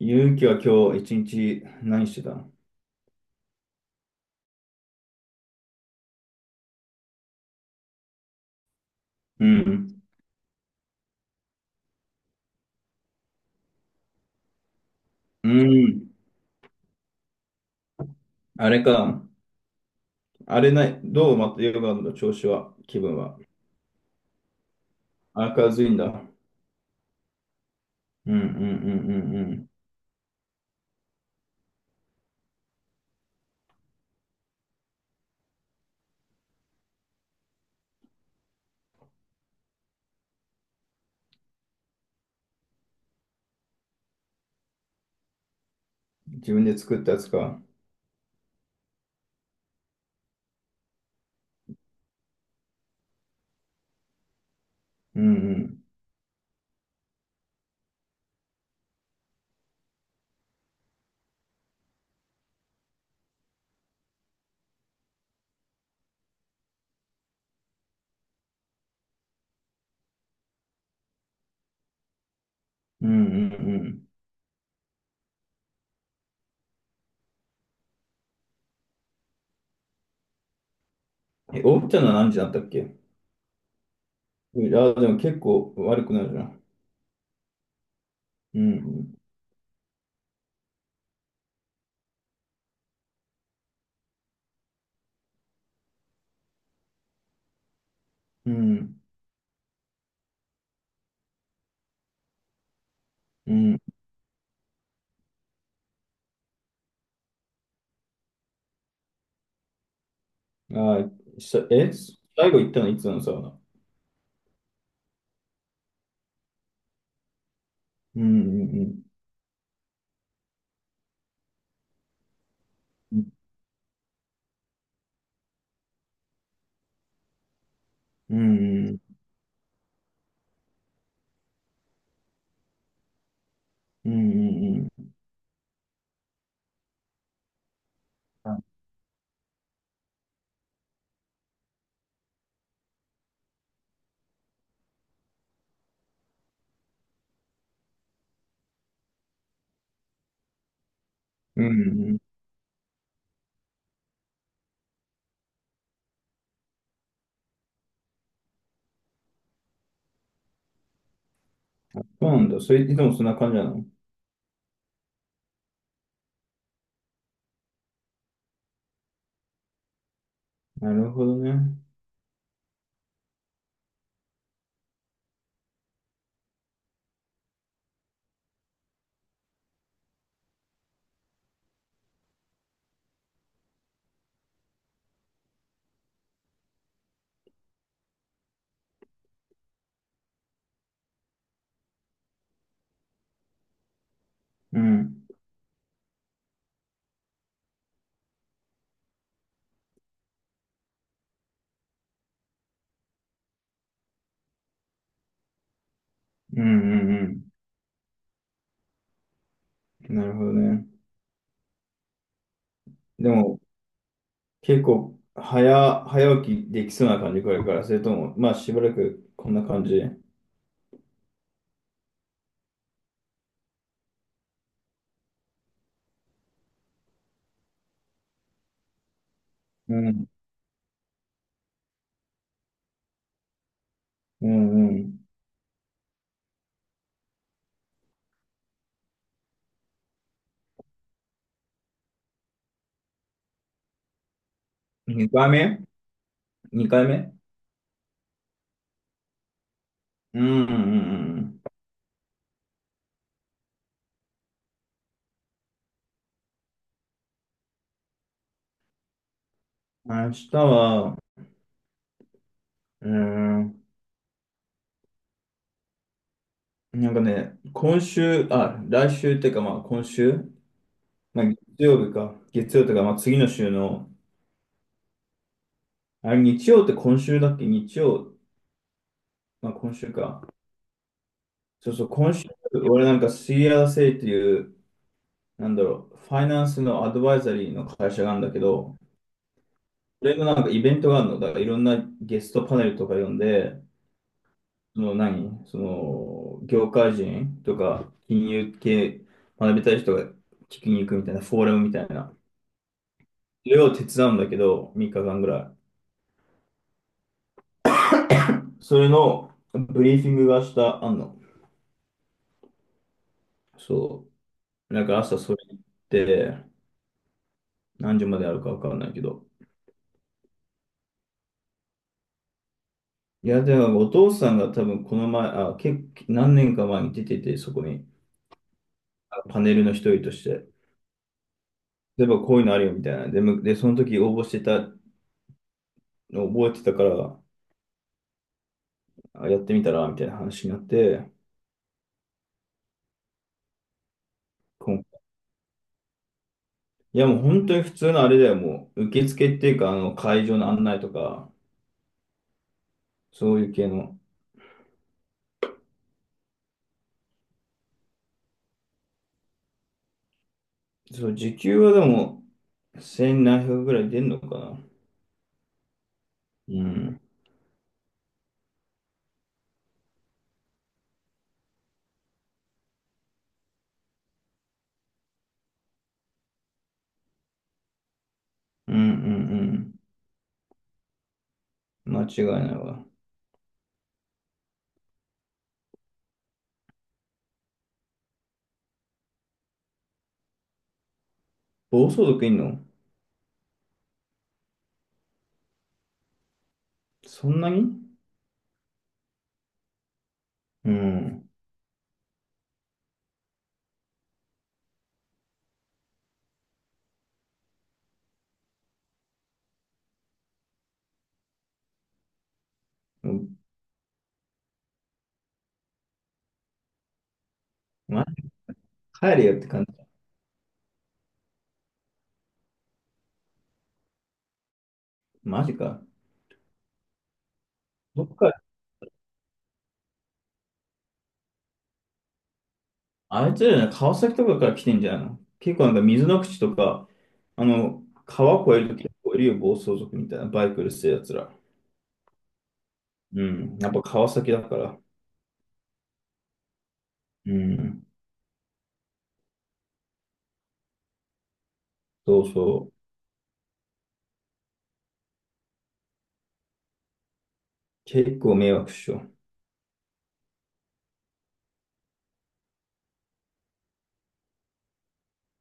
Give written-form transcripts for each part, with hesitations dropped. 勇気は今日一日何してた？うん。うん。あれか。あれない。どうまたヨガの調子は、気分は。明るいんだ。うんうんうんうんうん。自分で作ったやつか。うんうん。うんうんうん。え、起きたのは何時だったっけ？いや、でも結構悪くなるじゃん。うんうん。うん。うん。あー、しえ、最後行ったのいつなのさ。うんうんうん。うんうんうん。うんうんうん。うんうん。そうなんだ。それ、いつもそんな感じなの？なるほどね。うん。うんうんうん。なるほどね。でも、結構、早起きできそうな感じこれから、それとも、まあ、しばらくこんな感じ。うん。うんうん。2回目 ?2 回目？うんうんうんうん。明日は、うーん、なんかね、今週、あ、来週っていうか、まあ、今週、まあ、月曜日か、月曜とか、まあ、次の週の、あれ、日曜って今週だっけ？日曜、まあ、今週か。そうそう、今週、俺なんか c l セイっていう、なんだろう、ファイナンスのアドバイザリーの会社があるんだけど、それのなんかイベントがあるのだから、いろんなゲストパネルとか呼んで、その何、その、業界人とか、金融系学びたい人が聞きに行くみたいな、フォーラムみたいな。それを手伝うんだけど、3日間ぐらい。それのブリーフィングが明日あんの。そう。なんか朝それ行って、何時まであるかわかんないけど。いや、でもお父さんが多分この前、あ、何年か前に出てて、そこにパネルの一人として、例えばこういうのあるよみたいな。でその時応募してた、覚えてたから、やってみたらみたいな話になって、今回いやもう本当に普通のあれだよ、もう受付っていうか、あの会場の案内とか、そういう系の。そう、時給はでも1700ぐらい出んのかな。うん。うんうんうん。間違いないわ。暴走族いんの？そんなに？うん。もうマジ帰れよって感じ。マジか。どっか、あいつらじゃない、川崎とかから来てんじゃないの？結構なんか水の口とか、あの、川越えると結構いるよ、暴走族みたいな、バイクうるせえやつら。うん。やっぱ川崎だから。うん。そうそう。結構迷惑っしょ？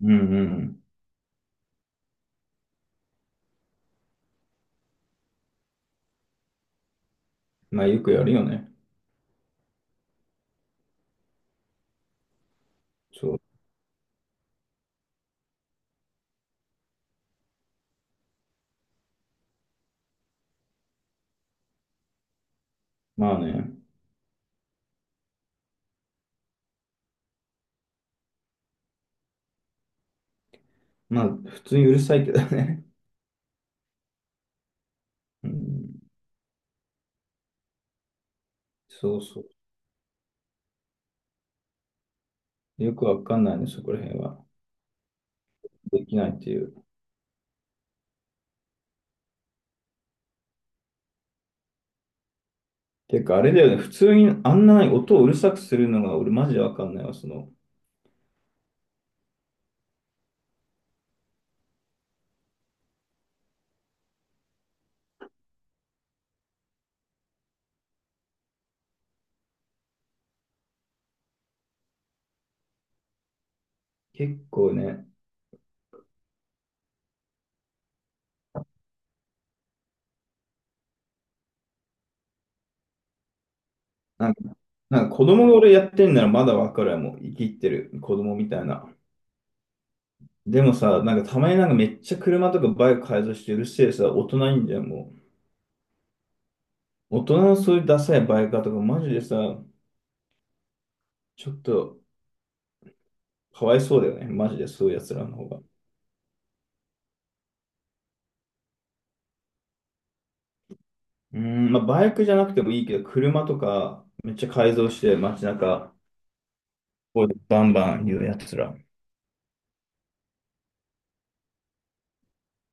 うんうん。まあよくやるよね。そう。まあね。まあ普通にうるさいけどね。うん。そうそう。よくわかんないね、そこら辺は。できないっていう。てか、あれだよね。普通にあんなに音をうるさくするのが俺マジでわかんないわ。その、結構ね、なんか、なんか子供が俺やってんならまだわかるわ。もう生きってる子供みたいな。でもさ、なんかたまになんかめっちゃ車とかバイク改造してうるせえさ、大人いんじゃん、もう。大人のそういうダサいバイカーとかマジでさ、ちょっとかわいそうだよね。マジでそういうやつらの方が。うーん、まあバイクじゃなくてもいいけど、車とかめっちゃ改造して街中、こうバンバン言うやつら。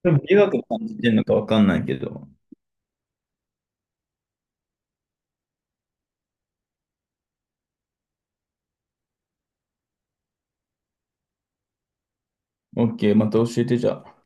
でも、美学感じてんのかわかんないけど。オッケー、また教えてじゃあ。